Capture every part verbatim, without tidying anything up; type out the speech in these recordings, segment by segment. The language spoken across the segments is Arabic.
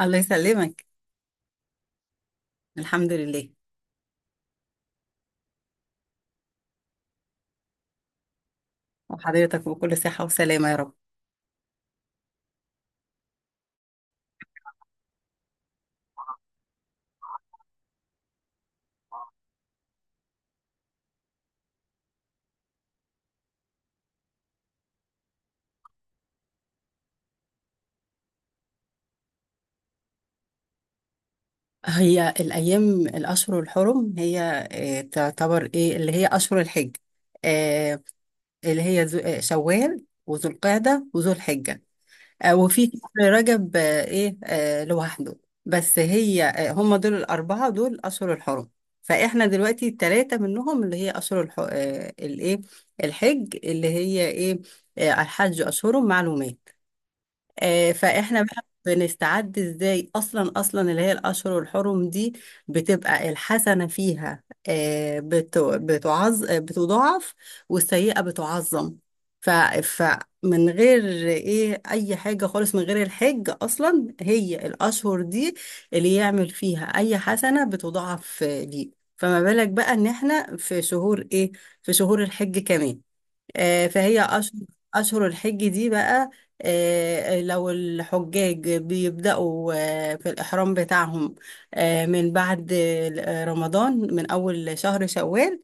الله يسلمك. الحمد لله. وحضرتك بكل صحة وسلامة يا رب. هي الأيام الأشهر الحرم، هي آه، تعتبر إيه اللي هي أشهر الحج. آه، اللي هي ذو- آه، شوال وذو القعدة وذو الحجة. آه، وفي شهر رجب آه، إيه آه، لوحده. بس هي آه، هم دول الأربعة، دول أشهر الحرم. فإحنا دلوقتي التلاتة منهم اللي هي أشهر الح... آه، الإيه الحج، اللي هي إيه آه، الحج أشهر معلومات. آه، فاحنا بقى بنستعد ازاي، اصلا اصلا اللي هي الاشهر الحرم دي بتبقى الحسنه فيها، آه، بت- بتعظ آه، بتضاعف، والسيئه بتعظم. ف فمن غير ايه اي حاجه خالص، من غير الحج اصلا، هي الاشهر دي اللي يعمل فيها اي حسنه بتضاعف، آه، ليه؟ فما بالك بقى ان احنا في شهور ايه، في شهور الحج كمان. آه، فهي أشهر، أشهر الحج دي بقى، آه، لو الحجاج بيبدأوا آه، في الإحرام بتاعهم آه، من بعد آه، رمضان، من أول شهر شوال.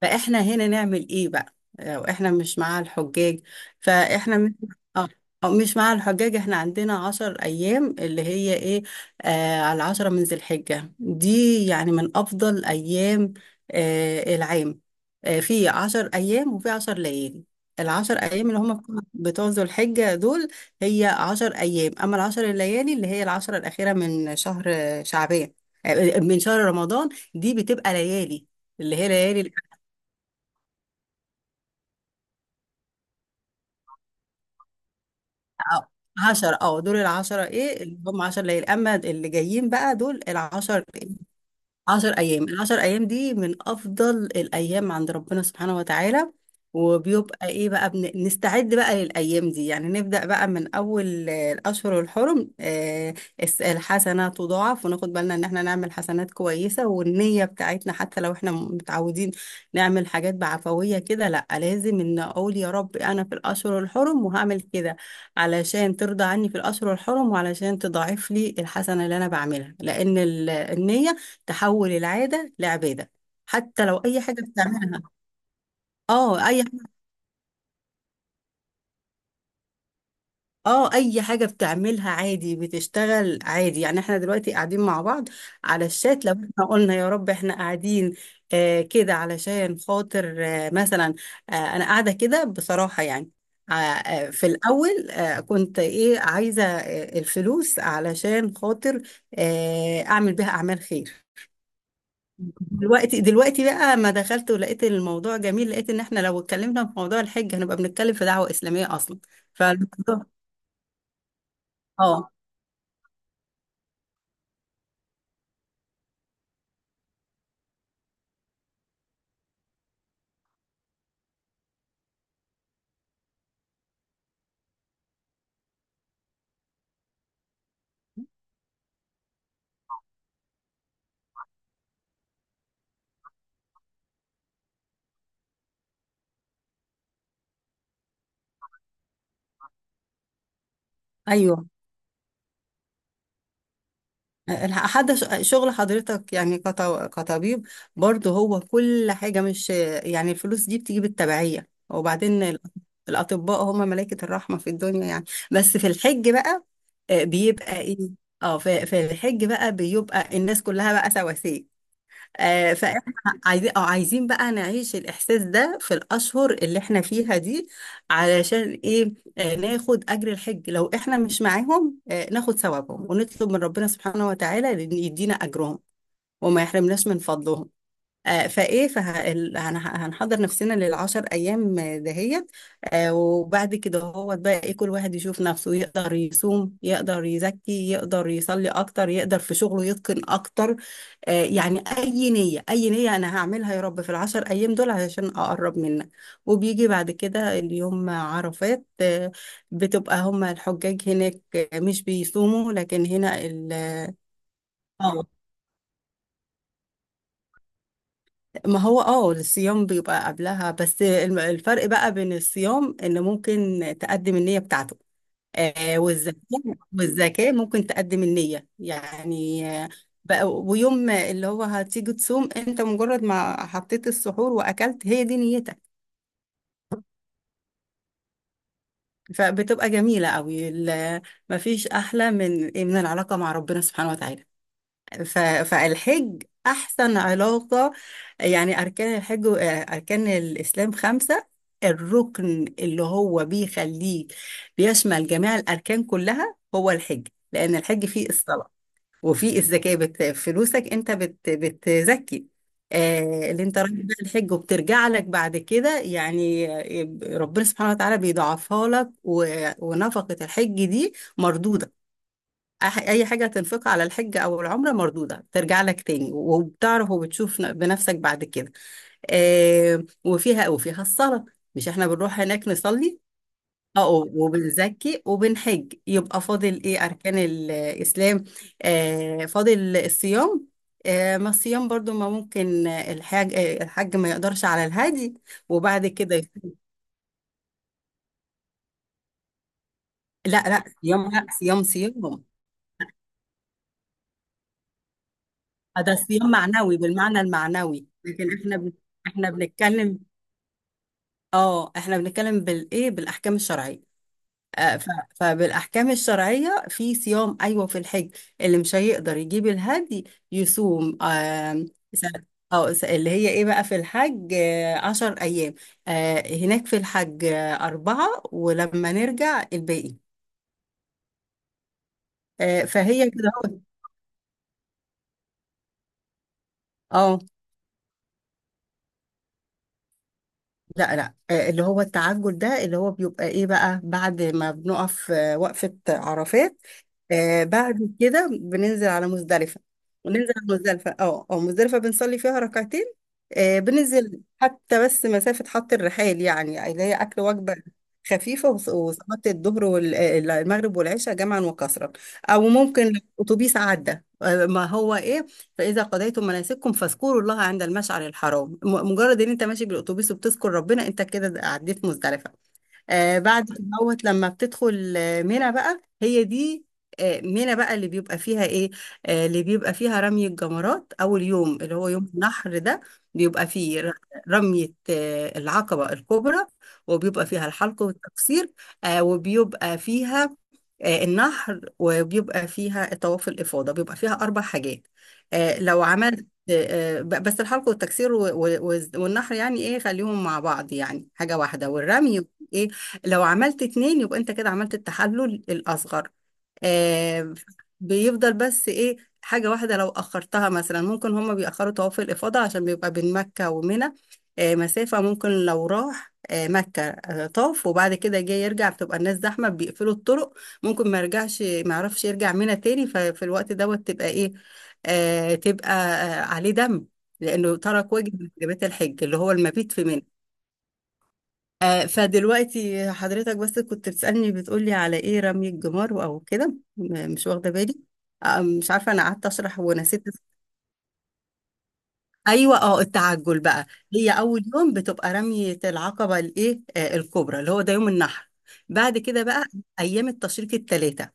فاحنا هنا نعمل ايه بقى لو احنا مش مع الحجاج؟ فاحنا مش اه أو مش مع الحجاج، احنا عندنا عشر ايام اللي هي ايه، آه على العشرة من ذي الحجة دي، يعني من افضل ايام آه العام، آه في عشر ايام وفي عشر ليالي. العشر ايام اللي هم بتوع بتوع ذو الحجة دول هي عشر ايام. اما العشر الليالي اللي هي العشرة الاخيرة من شهر شعبان آه، من شهر رمضان، دي بتبقى ليالي، اللي هي ليالي، أو عشرة اه دول العشرة ايه اللي هم عشر ليالي. اما اللي جايين بقى دول العشر، عشر أيام. العشر أيام دي من أفضل الأيام عند ربنا سبحانه وتعالى، وبيبقى إيه بقى، بن... نستعد بقى للأيام دي. يعني نبدأ بقى من أول آه، الأشهر الحرم. آه، الس- الحسنة تضاعف، وناخد بالنا إن إحنا نعمل حسنات كويسة، والنية بتاعتنا حتى لو إحنا متعودين نعمل حاجات بعفوية كده، لأ لازم إن أقول يا رب أنا في الأشهر الحرم وهعمل كده علشان ترضى عني في الأشهر الحرم وعلشان تضاعف لي الحسنة اللي أنا بعملها، لأن ال- النية تحول العادة لعبادة، حتى لو أي حاجة بتعملها. اه، أي. اه أي حاجة بتعملها عادي، بتشتغل عادي، يعني احنا دلوقتي قاعدين مع بعض على الشات. لو احنا قلنا يا رب احنا قاعدين آه كده علشان خاطر آه مثلا، آه أنا قاعدة كده بصراحة يعني، آه آه، في الأول آه كنت إيه عايزة آه الفلوس علشان خاطر آه أعمل بيها أعمال خير. دلوقتي دلوقتي بقى ما دخلت ولقيت الموضوع جميل، لقيت ان احنا لو اتكلمنا في موضوع الحج هنبقى بنتكلم في دعوة إسلامية اصلا. فالموضوع اه ايوه. حتى ش- شغل حضرتك يعني كط- كطبيب برضه، هو كل حاجة مش يعني، الفلوس دي بتيجي بالتبعية. وبعدين ال- الأطباء هم ملائكة الرحمة في الدنيا يعني. بس في الحج بقى آه، بيبقى ايه. اه في في الحج بقى بيبقى الناس كلها بقى سواسية. آه، فاحنا عايزين اه عايزين بقى نعيش الاحساس ده في الاشهر اللي احنا فيها دي، علشان ايه، آه، ناخد اجر الحج لو احنا مش معاهم، آه، ناخد ثوابهم ونطلب من ربنا سبحانه وتعالى ان يدينا اجرهم وما يحرمناش من فضلهم. آه، فايه فه... ال- هن- هنحضر نفسنا للعشر ايام دهيت، آه، وبعد كده هو بقى ايه، كل واحد يشوف نفسه يقدر يصوم، يقدر يزكي، يقدر يصلي اكتر، يقدر في شغله يتقن اكتر. آه، يعني اي نيه، اي نيه انا هعملها يا رب في العشر ايام دول علشان اقرب منك. وبيجي بعد كده اليوم عرفات، آه، بتبقى هما الحجاج هناك مش بيصوموا، لكن هنا ال اه ما هو اه الصيام بيبقى قبلها، بس الم- الفرق بقى بين الصيام ان ممكن تقدم النية بتاعته. آه والزكاة والزكاة ممكن تقدم النية يعني آه، بقى، ويوم اللي هو هتيجي تصوم انت مجرد ما حطيت السحور واكلت، هي دي نيتك. فبتبقى جميلة قوي ال- مفيش احلى من من العلاقة مع ربنا سبحانه وتعالى. ف... فالحج أحسن علاقة. يعني أركان الحج أركان الإسلام خمسة، الركن اللي هو بيخليك بيشمل جميع الأركان كلها هو الحج، لأن الحج فيه الصلاة، وفيه الزكاة، بت... فلوسك أنت بت... بتزكي، آه اللي أنت رايح بيه الحج، وبترجع لك بعد كده يعني، ربنا سبحانه وتعالى بيضاعفها لك. و... ونفقة الحج دي مردودة، أح- اي حاجه هتنفقها على الحج او العمره مردوده، ترجع لك تاني، وبتعرف وبتشوف ن- بنفسك بعد كده. آه وفيها وفيها الصلاه، مش احنا بنروح هناك نصلي، اه وبنزكي وبنحج، يبقى فاضل ايه اركان الاسلام؟ آه فاضل الصيام. آه ما الصيام برضو ما ممكن آه، الحاج آه، الحج ما يقدرش على الهادي وبعد كده يصوم. لا، لا، صيام، لا، صيام، صيام. ده صيام معنوي بالمعنى المعنوي، لكن احنا بن- احنا بنتكلم اه احنا بنتكلم، بالايه بالاحكام الشرعيه. آه، ف- فبالاحكام الشرعيه في صيام ايوه في الحج، اللي مش هيقدر يجيب الهدي يصوم. آم، س- اه س- اللي هي ايه بقى، في الحج آه، عشر ايام، آه، هناك في الحج آه، اربعه، ولما نرجع الباقي. آه، فهي كده اهو. آه. لا، لا، آه، اللي هو التعجل ده اللي هو بيبقى ايه بقى بعد ما بنقف آه، وقفة عرفات، آه، بعد كده بننزل على مزدلفة. وننزل على مزدلفة اه اه مزدلفة بنصلي فيها ركعتين، آه، بننزل حتى بس مسافة حط الرحال، يعني اللي هي أكل وجبة خفيفة وص- وصلاة الظهر والمغرب والعشاء جمعا وكسرا. أو ممكن أتوبيس عدى، آه، ما هو إيه فإذا قضيتم مناسككم فاذكروا الله عند المشعر الحرام، م- مجرد إن أنت ماشي بالأتوبيس وبتذكر ربنا، أنت كده عديت مزدلفة. آه بعد كدهوت لما بتدخل آه، منى بقى هي دي. آه، منى بقى اللي بيبقى فيها ايه، آه، اللي بيبقى فيها رمي الجمرات. اول يوم اللي هو يوم النحر ده بيبقى فيه ر- رمية آه، العقبة الكبرى، وبيبقى فيها الحلق والتقصير، آه، وبيبقى فيها آه، النحر، وبيبقى فيها طواف الإفاضة. بيبقى فيها أربع حاجات، آه، لو عملت آه، آه، ب- بس الحلق والتكسير و- و- والنحر، يعني إيه، خليهم مع بعض يعني حاجة واحدة، والرمي إيه، لو عملت اتنين يبقى انت كده عملت التحلل الأصغر. آه بيفضل بس ايه، حاجة واحدة لو أخرتها مثلا، ممكن هما بيأخروا طواف الإفاضة عشان بيبقى بين مكة ومنى آه مسافة، ممكن لو راح آه مكة آه طاف وبعد كده جاي يرجع، بتبقى الناس زحمة بيقفلوا الطرق، ممكن ما يرجعش، ما يعرفش يرجع منى تاني، ففي الوقت دوت تبقى ايه، آه تبقى آه عليه دم، لأنه ترك واجب من واجبات الحج اللي هو المبيت في منى. آه، فدلوقتي حضرتك بس كنت بتسألني بتقولي على ايه، رمي الجمار او كده، م- مش واخده بالي، آه، مش عارفه، انا قعدت اشرح ونسيت. ايوه. اه التعجل بقى، هي اول يوم بتبقى رميه العقبه الايه آه، الكبرى، اللي هو ده يوم النحر. بعد كده بقى ايام التشريق الثلاثه،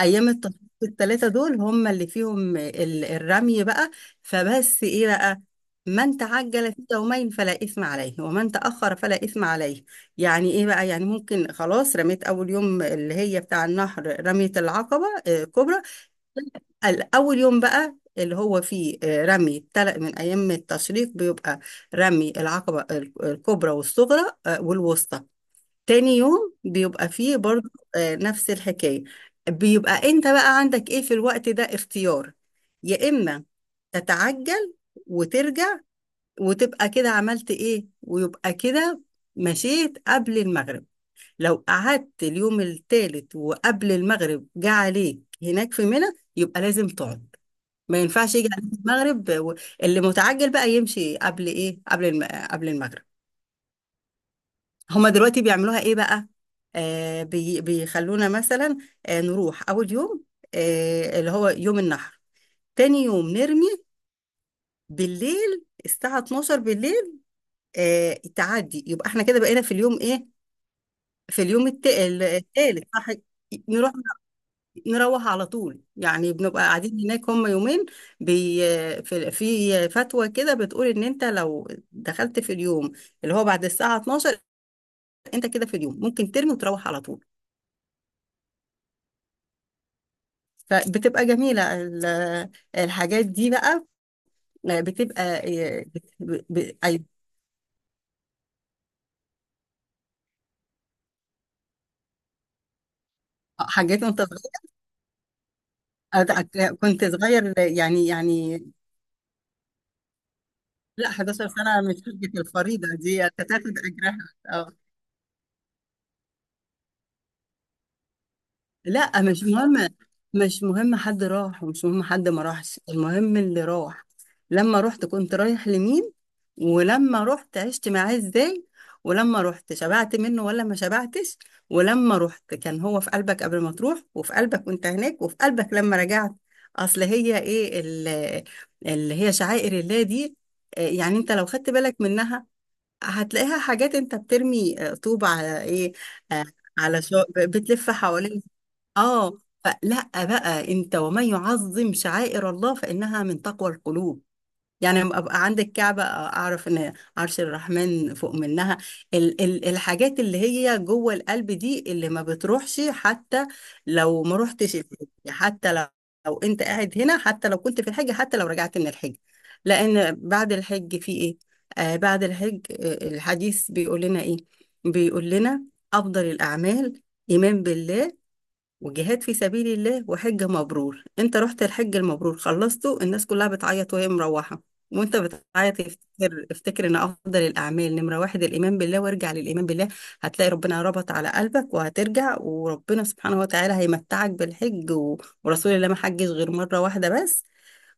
ايام التفوق الثلاثه دول هم اللي فيهم ال- الرمي بقى. فبس ايه بقى، من تعجل في يومين فلا اثم عليه، ومن تاخر فلا اثم عليه. يعني ايه بقى، يعني ممكن خلاص رميت اول يوم اللي هي بتاع النهر، رميه العقبه آه، كبرى. ال- اول يوم بقى اللي هو فيه آه، رمي تلق من ايام التشريق، بيبقى رمي العقبه ال- الكبرى والصغرى آه، والوسطى. تاني يوم بيبقى فيه برضه آه، نفس الحكاية، بيبقى انت بقى عندك ايه في الوقت ده اختيار، يا اما تتعجل وترجع وتبقى كده عملت ايه، ويبقى كده مشيت قبل المغرب. لو قعدت اليوم التالت وقبل المغرب جه عليك هناك في منى، يبقى لازم تقعد، ما ينفعش يجي عليك المغرب و- اللي متعجل بقى يمشي قبل ايه، قبل الم... قبل المغرب. هما دلوقتي بيعملوها ايه بقى، آه بي بيخلونا مثلا آه نروح اول يوم آه اللي هو يوم النحر، تاني يوم نرمي بالليل الساعة اتناشر بالليل، آه تعدي، يبقى احنا كده بقينا في اليوم ايه، في اليوم الت- ال- التالت صح، نروح نروح على طول، يعني بنبقى قاعدين هناك هم يومين. بي في في فتوى كده بتقول ان انت لو دخلت في اليوم اللي هو بعد الساعة اتناشر، انت كده في اليوم ممكن ترمي وتروح على طول. فبتبقى جميلة ال- الحاجات دي بقى، بتبقى إيه، بت- ب- أي حاجات وانت صغير، أت- كنت صغير يعني يعني لا، إحدى عشرة سنة مش حاجة، الفريضة دي تتاخد أجرها. آه. لا مش مهم، مش مهم حد راح ومش مهم حد ما راحش، المهم اللي راح. لما رحت كنت رايح لمين، ولما رحت عشت معاه ازاي، ولما رحت شبعت منه ولا ما شبعتش، ولما رحت كان هو في قلبك قبل ما تروح، وفي قلبك وانت هناك، وفي قلبك لما رجعت. اصل هي ايه ال- اللي هي شعائر الله دي، آه، يعني انت لو خدت بالك منها هتلاقيها. حاجات انت بترمي آه، طوب على ايه، آه، على شو بتلف حوالين، اه فلا بقى انت، ومن يعظم شعائر الله فإنها من تقوى القلوب. يعني لما ابقى عند الكعبة اعرف ان عرش الرحمن فوق منها. ال ال الحاجات اللي هي جوه القلب دي اللي ما بتروحش، حتى لو ما روحتش الحج، حتى لو لو انت قاعد هنا، حتى لو كنت في الحج، حتى لو رجعت من الحج. لأن بعد الحج في ايه، آه بعد الحج آه الحديث بيقول لنا ايه، بيقول لنا أفضل الأعمال إيمان بالله، وجهاد في سبيل الله، وحج مبرور. انت رحت الحج المبرور خلصته، الناس كلها بتعيط وهي مروحة وانت بتعيط، افتكر، افتكر ان افضل الاعمال نمرة واحد الايمان بالله، وارجع للايمان بالله، هتلاقي ربنا ربط على قلبك وهترجع، وربنا سبحانه وتعالى هيمتعك بالحج. و... ورسول الله ما حجش غير مرة واحدة بس،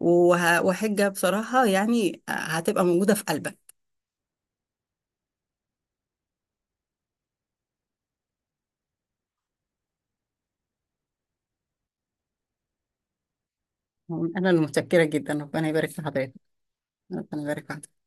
وه... وحجة بصراحة يعني هتبقى موجودة في قلبك. انا المتشكرة جدا، ربنا يبارك في حضرتك. ربنا يبارك في حضرتك.